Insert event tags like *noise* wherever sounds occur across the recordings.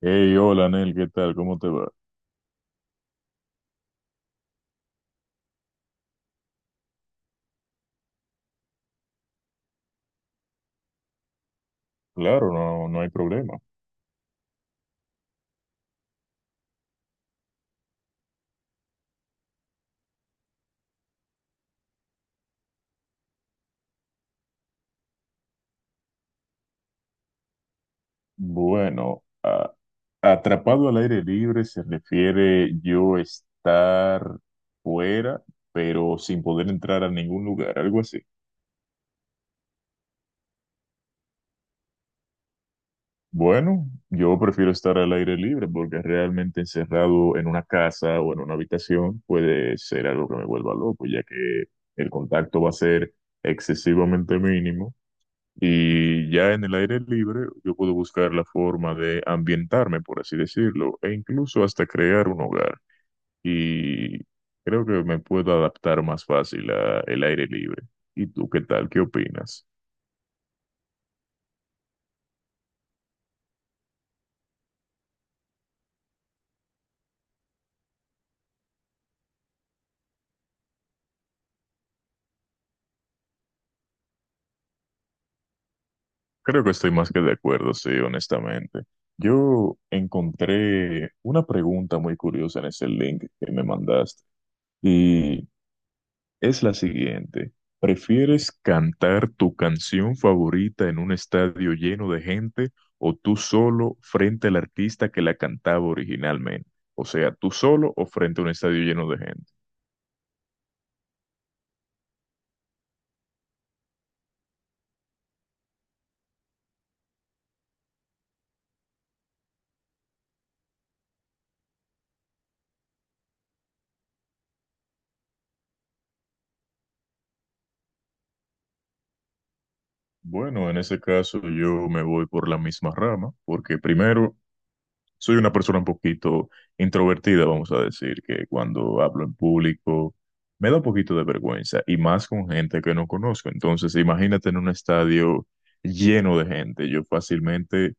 Hey, hola, Anel, ¿qué tal? ¿Cómo te va? Claro, no, no hay problema. Bueno, atrapado al aire libre se refiere yo estar fuera, pero sin poder entrar a ningún lugar, algo así. Bueno, yo prefiero estar al aire libre porque realmente encerrado en una casa o en una habitación puede ser algo que me vuelva loco, ya que el contacto va a ser excesivamente mínimo. Y ya en el aire libre yo puedo buscar la forma de ambientarme, por así decirlo, e incluso hasta crear un hogar. Y creo que me puedo adaptar más fácil al aire libre. ¿Y tú qué tal? ¿Qué opinas? Creo que estoy más que de acuerdo, sí, honestamente. Yo encontré una pregunta muy curiosa en ese link que me mandaste. Y es la siguiente. ¿Prefieres cantar tu canción favorita en un estadio lleno de gente o tú solo frente al artista que la cantaba originalmente? O sea, tú solo o frente a un estadio lleno de gente. Bueno, en ese caso yo me voy por la misma rama, porque primero soy una persona un poquito introvertida, vamos a decir, que cuando hablo en público me da un poquito de vergüenza y más con gente que no conozco. Entonces, imagínate en un estadio lleno de gente, yo fácilmente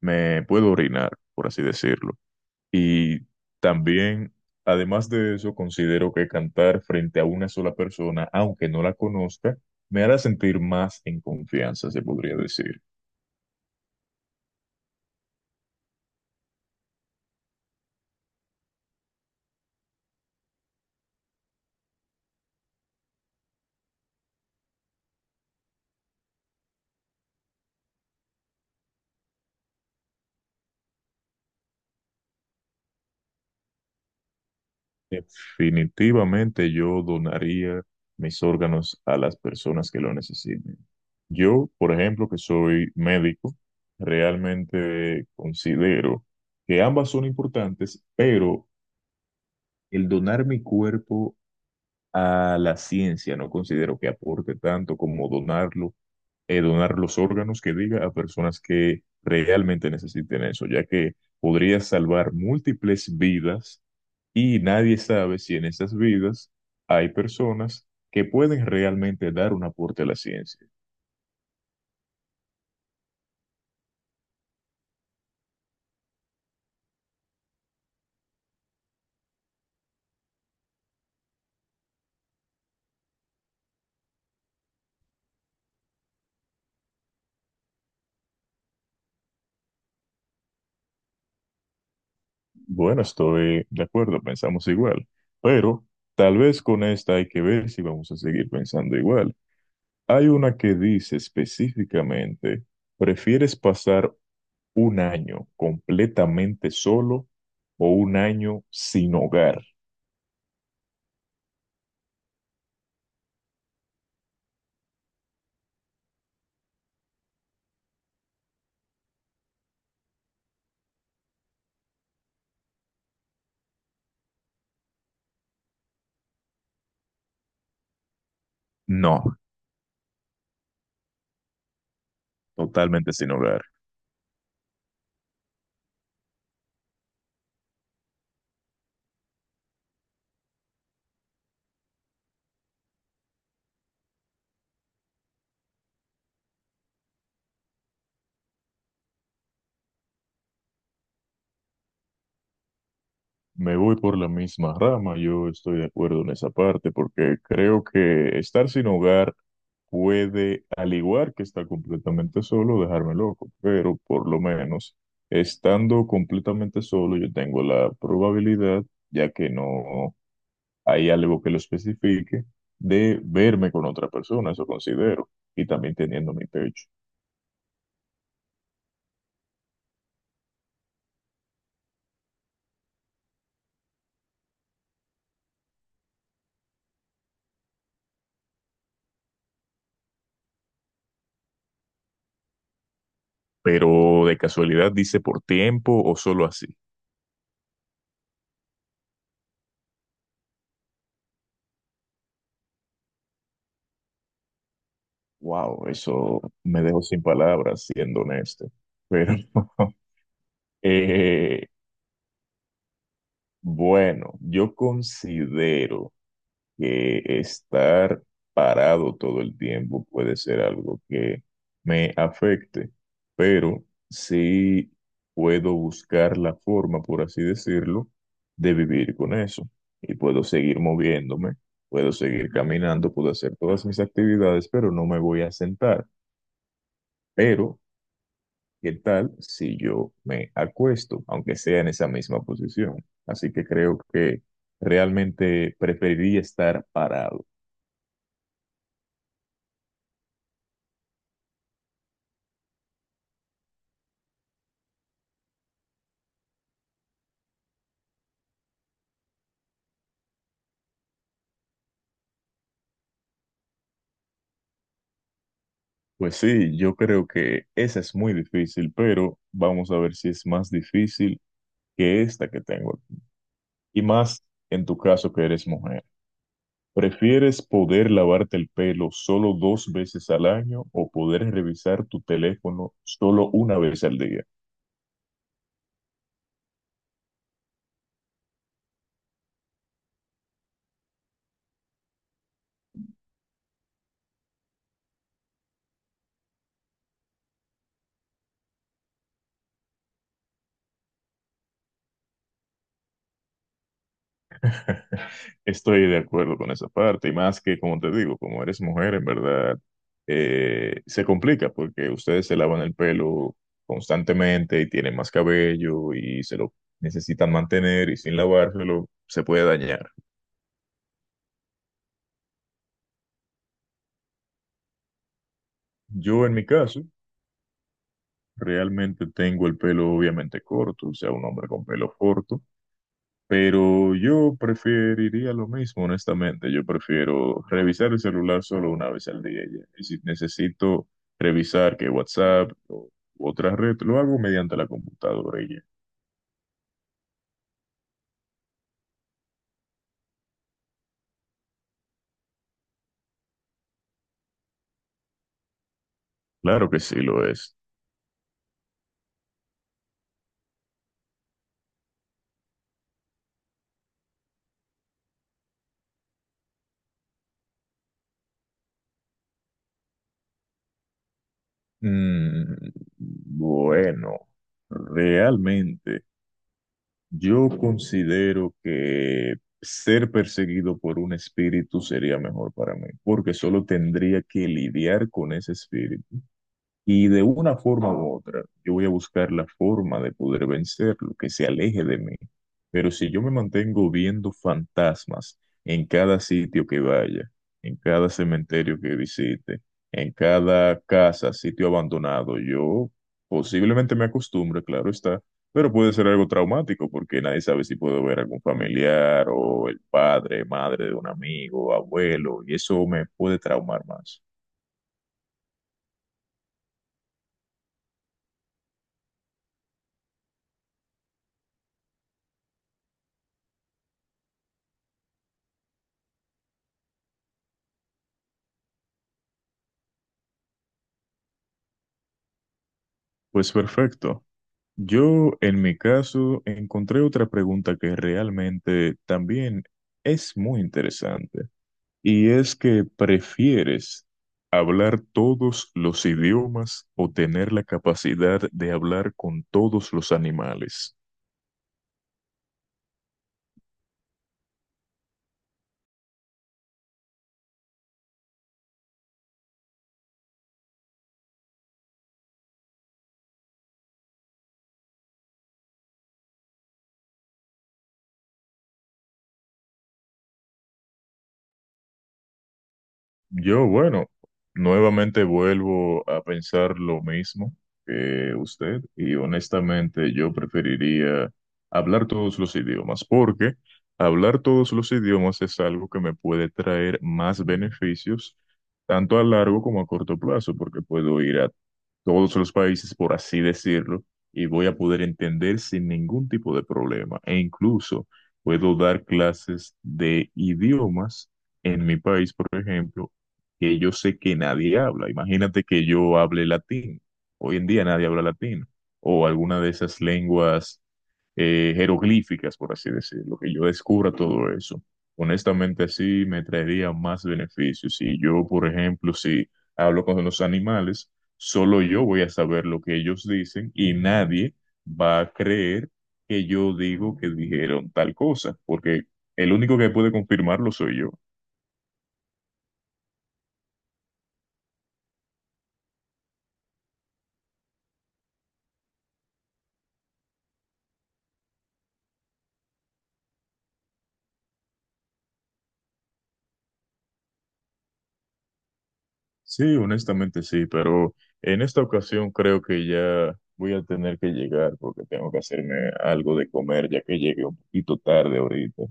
me puedo orinar, por así decirlo. Y también, además de eso, considero que cantar frente a una sola persona, aunque no la conozca, me hará sentir más en confianza, se podría decir. Definitivamente yo donaría mis órganos a las personas que lo necesiten. Yo, por ejemplo, que soy médico, realmente considero que ambas son importantes, pero el donar mi cuerpo a la ciencia no considero que aporte tanto como donarlo, donar los órganos que diga a personas que realmente necesiten eso, ya que podría salvar múltiples vidas y nadie sabe si en esas vidas hay personas que pueden realmente dar un aporte a la ciencia. Bueno, estoy de acuerdo, pensamos igual, pero tal vez con esta hay que ver si vamos a seguir pensando igual. Hay una que dice específicamente, ¿prefieres pasar un año completamente solo o un año sin hogar? No, totalmente sin hogar. Me voy por la misma rama, yo estoy de acuerdo en esa parte, porque creo que estar sin hogar puede, al igual que estar completamente solo, dejarme loco, pero por lo menos estando completamente solo, yo tengo la probabilidad, ya que no hay algo que lo especifique, de verme con otra persona, eso considero, y también teniendo mi pecho. Pero de casualidad dice por tiempo o solo así. Wow, eso me dejó sin palabras, siendo honesto. Pero *laughs* eh, bueno, yo considero que estar parado todo el tiempo puede ser algo que me afecte, pero sí puedo buscar la forma, por así decirlo, de vivir con eso. Y puedo seguir moviéndome, puedo seguir caminando, puedo hacer todas mis actividades, pero no me voy a sentar. Pero, ¿qué tal si yo me acuesto, aunque sea en esa misma posición? Así que creo que realmente preferiría estar parado. Pues sí, yo creo que esa es muy difícil, pero vamos a ver si es más difícil que esta que tengo aquí. Y más en tu caso que eres mujer. ¿Prefieres poder lavarte el pelo solo dos veces al año o poder revisar tu teléfono solo una vez al día? *laughs* Estoy de acuerdo con esa parte, y más que, como te digo, como eres mujer, en verdad, se complica porque ustedes se lavan el pelo constantemente y tienen más cabello y se lo necesitan mantener y sin lavárselo se puede dañar. Yo, en mi caso, realmente tengo el pelo obviamente corto, o sea, un hombre con pelo corto. Pero yo preferiría lo mismo, honestamente. Yo prefiero revisar el celular solo una vez al día. Ya. Y si necesito revisar que WhatsApp o u otra red, lo hago mediante la computadora. Y ya. Claro que sí lo es. Mm, bueno, realmente yo considero que ser perseguido por un espíritu sería mejor para mí, porque solo tendría que lidiar con ese espíritu. Y de una forma u otra, yo voy a buscar la forma de poder vencerlo, que se aleje de mí. Pero si yo me mantengo viendo fantasmas en cada sitio que vaya, en cada cementerio que visite, en cada casa, sitio abandonado, yo posiblemente me acostumbre, claro está, pero puede ser algo traumático porque nadie sabe si puedo ver algún familiar o el padre, madre de un amigo, abuelo, y eso me puede traumar más. Pues perfecto. Yo, en mi caso, encontré otra pregunta que realmente también es muy interesante, y es que ¿prefieres hablar todos los idiomas o tener la capacidad de hablar con todos los animales? Yo, bueno, nuevamente vuelvo a pensar lo mismo que usted y honestamente yo preferiría hablar todos los idiomas porque hablar todos los idiomas es algo que me puede traer más beneficios tanto a largo como a corto plazo porque puedo ir a todos los países, por así decirlo, y voy a poder entender sin ningún tipo de problema. E incluso puedo dar clases de idiomas en mi país, por ejemplo, que yo sé que nadie habla. Imagínate que yo hable latín. Hoy en día nadie habla latín. O alguna de esas lenguas jeroglíficas, por así decirlo, que yo descubra todo eso. Honestamente, sí me traería más beneficios. Si yo, por ejemplo, si hablo con los animales, solo yo voy a saber lo que ellos dicen y nadie va a creer que yo digo que dijeron tal cosa, porque el único que puede confirmarlo soy yo. Sí, honestamente sí, pero en esta ocasión creo que ya voy a tener que llegar porque tengo que hacerme algo de comer ya que llegué un poquito tarde ahorita.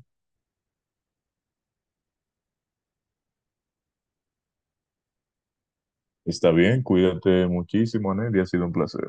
Está bien, cuídate muchísimo, Nelly, ha sido un placer.